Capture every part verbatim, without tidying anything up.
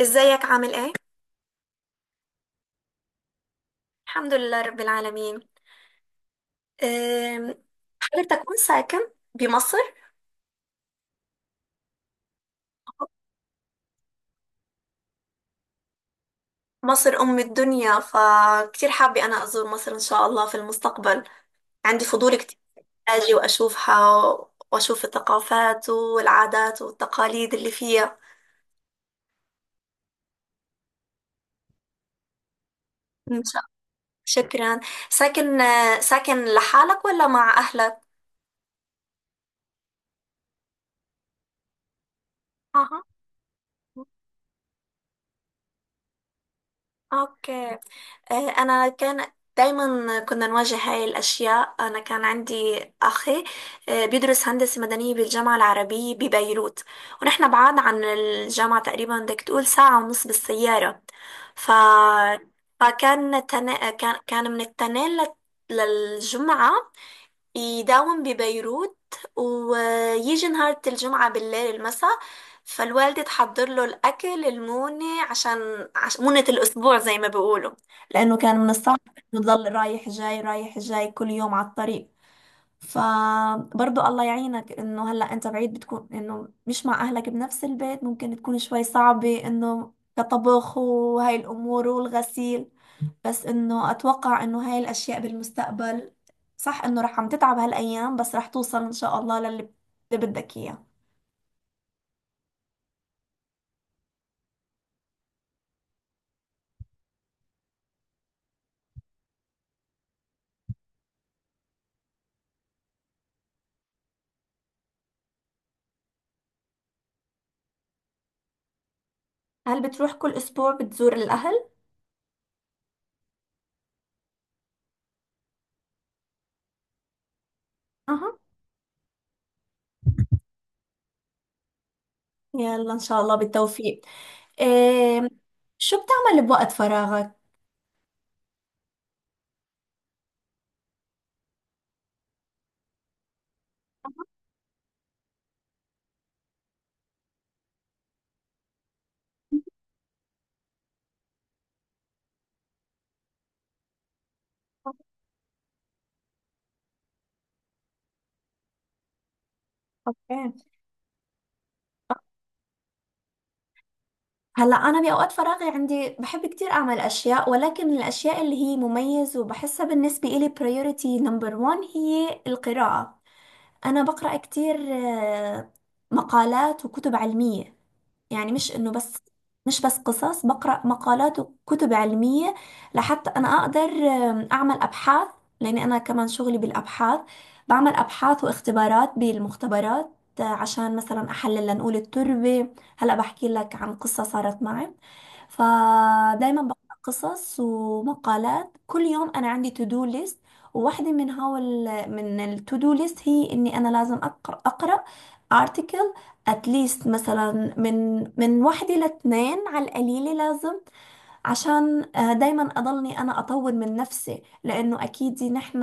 ازيك عامل ايه؟ الحمد لله رب العالمين. أم، حضرتك وين ساكن؟ بمصر؟ مصر أم الدنيا، فكتير حابة أنا أزور مصر إن شاء الله في المستقبل. عندي فضول كتير أجي وأشوفها، وأشوف الثقافات والعادات والتقاليد اللي فيها. إن شاء الله، شكرا. ساكن ساكن لحالك ولا مع أهلك؟ أها. أوكي. آه، أنا كان دايما كنا نواجه هاي الأشياء. أنا كان عندي أخي آه، بيدرس هندسة مدنية بالجامعة العربية ببيروت، ونحن بعاد عن الجامعة تقريبا بدك تقول ساعة ونص بالسيارة. ف... فكان تن... كان كان من التنين لت- للجمعة. يداوم ببيروت ويجي نهار الجمعة بالليل المساء. فالوالدة تحضر له الأكل المونة عشان عش... مونة الأسبوع زي ما بيقولوا، لأنه كان من الصعب إنه يضل رايح جاي رايح جاي كل يوم على الطريق. فبرضه الله يعينك إنه هلأ أنت بعيد، بتكون إنه مش مع أهلك بنفس البيت، ممكن تكون شوي صعبة إنه كطبخ وهاي الأمور والغسيل. بس انه اتوقع انه هاي الاشياء بالمستقبل صح انه رح عم تتعب هالايام، بس رح توصل ان شاء الله للي اللي بدك اياه. هل بتروح كل اسبوع بتزور الاهل؟ أها. يلا ان شاء الله بالتوفيق. إيه. شو بتعمل بوقت فراغك؟ اوكي. هلا انا باوقات فراغي عندي بحب كتير اعمل اشياء، ولكن الاشياء اللي هي مميز وبحسها بالنسبه لي priority number one هي القراءه. انا بقرا كتير آه، مقالات وكتب علميه. يعني مش انه بس مش بس قصص، بقرأ مقالات وكتب علمية لحتى انا اقدر آم، اعمل ابحاث، لاني انا كمان شغلي بالابحاث. بعمل ابحاث واختبارات بالمختبرات آه، عشان مثلا احلل لنقول التربة. هلا بحكي لك عن قصة صارت معي. فدايما بقرأ قصص ومقالات كل يوم، انا عندي تو دو ليست، وواحدة من هول من التو دو ليست هي اني انا لازم اقرأ اقرأ article. اتليست مثلا من من واحد إلى اتنين على القليل لازم، عشان آه، دايما اضلني انا اطور من نفسي، لانه اكيد نحن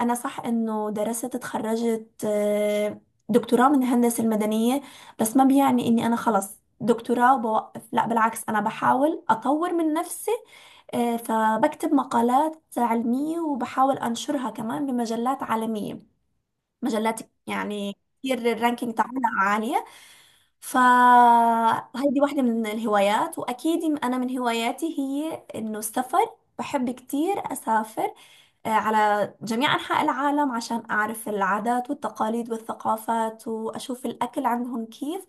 انا صح انه درست اتخرجت آه، دكتوراه من الهندسة المدنية، بس ما بيعني اني انا خلص دكتوراه وبوقف، لا بالعكس انا بحاول اطور من نفسي. آه، فبكتب مقالات علمية وبحاول انشرها كمان بمجلات عالمية، مجلات يعني كتير الرانكينج بتاعنا عالية. فهيدي واحدة من الهوايات، وأكيد أنا من هواياتي هي إنه السفر، بحب كتير أسافر آه، على جميع أنحاء العالم عشان أعرف العادات والتقاليد والثقافات وأشوف الأكل عندهم كيف.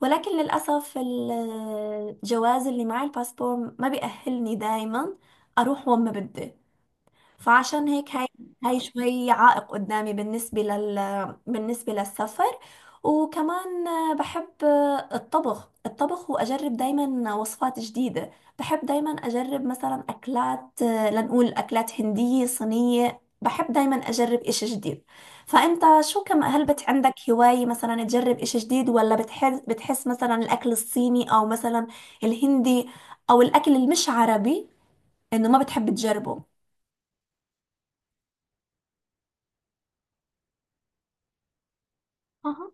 ولكن للأسف ال- الجواز اللي معي الباسبور ما بيأهلني دايما أروح وين ما بدي، فعشان هيك هاي هاي شوي عائق قدامي بالنسبة لل بالنسبة للسفر. وكمان بحب الطبخ الطبخ وأجرب دايما وصفات جديدة. بحب دايما أجرب مثلا أكلات لنقول أكلات هندية صينية، بحب دايما أجرب إشي جديد. فأنت شو كم هل بت عندك هواية مثلا تجرب إشي جديد، ولا بتحس بتحس مثلا الأكل الصيني أو مثلا الهندي أو الأكل المش عربي إنه ما بتحب تجربه؟ أها.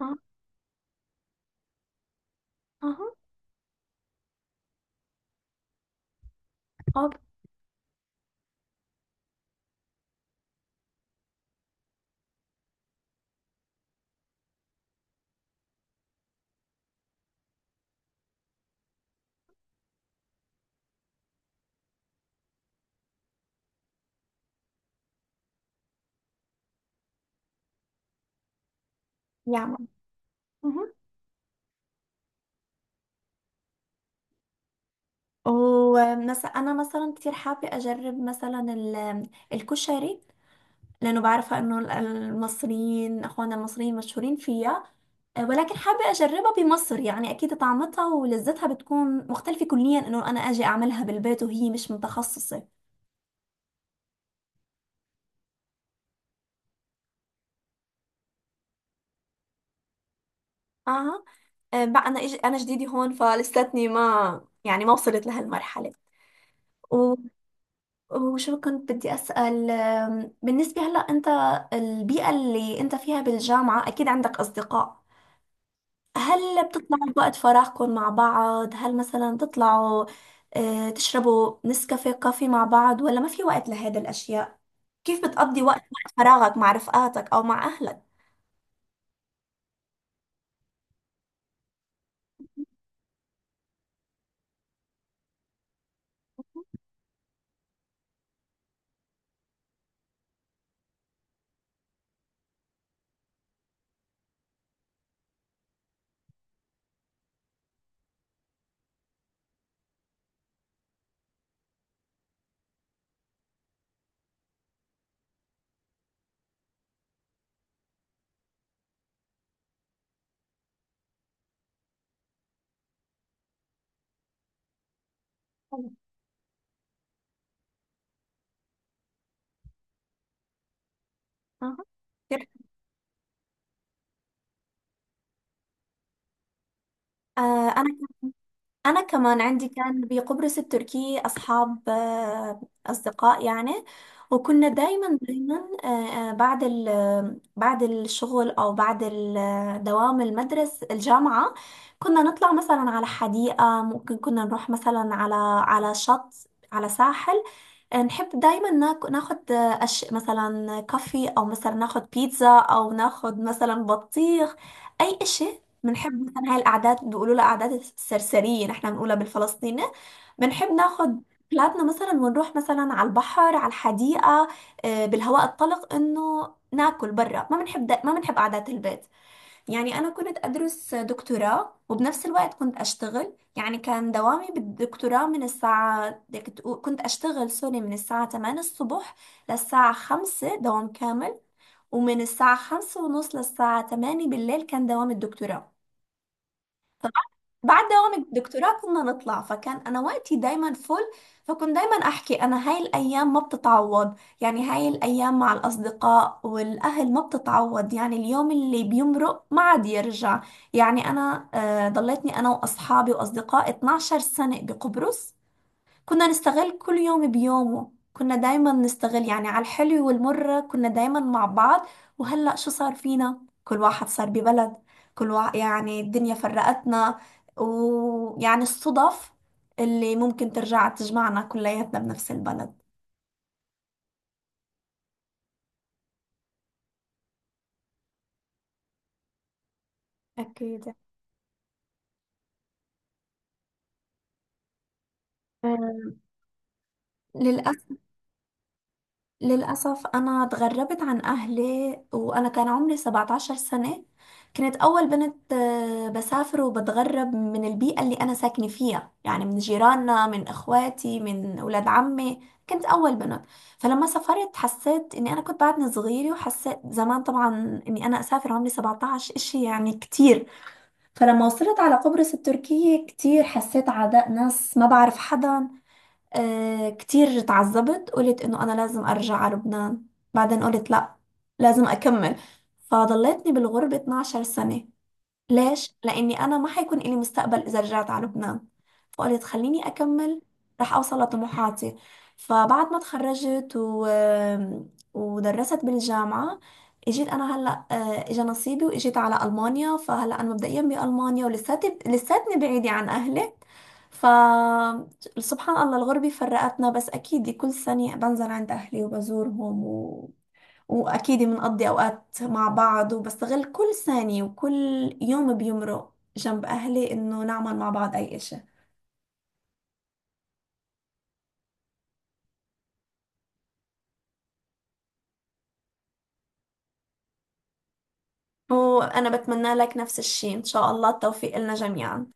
اه. اه. اه. يعمل. مهم. ومثلا انا مثلا كتير حابه اجرب مثلا ال- الكشري، لانه بعرفه انه ال- المصريين اخواننا المصريين مشهورين فيها. آه، ولكن حابه اجربها بمصر، يعني اكيد طعمتها ولذتها بتكون مختلفه كليا انه انا اجي اعملها بالبيت وهي مش متخصصه. اه. آه، بقى انا إج- انا جديده هون فلساتني ما يعني ما وصلت لهالمرحله. وشو كنت بدي أسأل، أم، بالنسبة هلأ أنت، البيئة اللي أنت فيها بالجامعة أكيد عندك أصدقاء. هل بتطلعوا بوقت فراغكم مع بعض؟ هل مثلا بتطلعوا آه، تشربوا نسكافيه كافي مع بعض ولا ما في وقت لهذه الأشياء؟ كيف بتقضي وقت وقت فراغك مع رفقاتك أو مع أهلك؟ أها. كيف- آه، أنا كمان عندي كان بقبرص التركي أصحاب آه، أصدقاء يعني، وكنا دايما دايما آه، آه، بعد ال- بعد الشغل أو بعد ال- آه، دوام المدرسة الجامعة، كنا نطلع مثلا على حديقة، ممكن كنا نروح مثلا على على شط على ساحل. نحب دايما ناك- ناخد أش... مثلا كافي او مثلا ناخد بيتزا او ناخد مثلا بطيخ. اي اشي بنحب مثلا، هاي الاعداد بيقولوا لها اعداد السرسرية نحن بنقولها بالفلسطيني. بنحب ناخد بلادنا مثلا، ونروح مثلا على البحر على الحديقة آه، بالهواء الطلق، انه ناكل برا، ما بنحب دا... ما بنحب قعدات البيت. يعني أنا كنت أدرس دكتوراه وبنفس الوقت كنت أشتغل، يعني كان دوامي بالدكتوراه من الساعة بدك تقو- كنت أشتغل سوري من الساعة تمانية الصبح للساعة خمسة دوام كامل، ومن الساعة خمسة ونص للساعة تمانية بالليل كان دوام الدكتوراه. بعد دوام الدكتوراه كنا نطلع، فكان انا وقتي دايما فل. فكنت دايما احكي انا هاي الايام ما بتتعوض، يعني هاي الايام مع الاصدقاء والاهل ما بتتعوض، يعني اليوم اللي بيمرق ما عاد يرجع. يعني انا آه ضليتني انا واصحابي واصدقائي اتناشر سنة بقبرص، كنا نستغل كل يوم بيومه، كنا دايما نستغل، يعني على الحلو والمر كنا دايما مع بعض. وهلأ شو صار فينا، كل واحد صار ببلد، كل واحد يعني الدنيا فرقتنا، ويعني الصدف اللي ممكن ترجع تجمعنا كلياتنا بنفس البلد. أكيد. أم، للأسف. للأسف أنا اتغربت عن أهلي وأنا كان عمري سبعة عشر سنة. كنت أول بنت آه، بسافر وبتغرب من البيئة اللي أنا ساكنة فيها، يعني من جيراننا من إخواتي من أولاد عمي. كنت أول بنت، فلما سافرت حسيت إني أنا كنت بعدني صغيرة، وحسيت زمان طبعا إني أنا أسافر عمري سبعة عشر إشي يعني كتير. فلما وصلت على قبرص التركية كتير حسيت عداء ناس، ما بعرف حدا، آه كتير تعذبت، قلت انه انا لازم ارجع على لبنان، بعدين قلت لا، لازم اكمل، فضلتني بالغربة اثنا عشر سنة. ليش؟ لأني أنا ما حيكون إلي مستقبل إذا رجعت على لبنان، فقلت خليني أكمل، رح أوصل لطموحاتي. فبعد ما تخرجت و... ودرست بالجامعة، اجيت انا هلا آه، اجى نصيبي واجيت على المانيا، فهلا انا مبدئيا بالمانيا ولساتي لساتني بعيده عن اهلي. ف سبحان الله الغربه فرقتنا، بس اكيد كل سنه بنزل عند اهلي وبزورهم، وأكيد بنقضي أوقات مع بعض، وبستغل كل ثانية وكل يوم بيمرق جنب أهلي إنه نعمل مع بعض أي إشي. وأنا بتمنى لك نفس الشي إن شاء الله التوفيق لنا جميعا.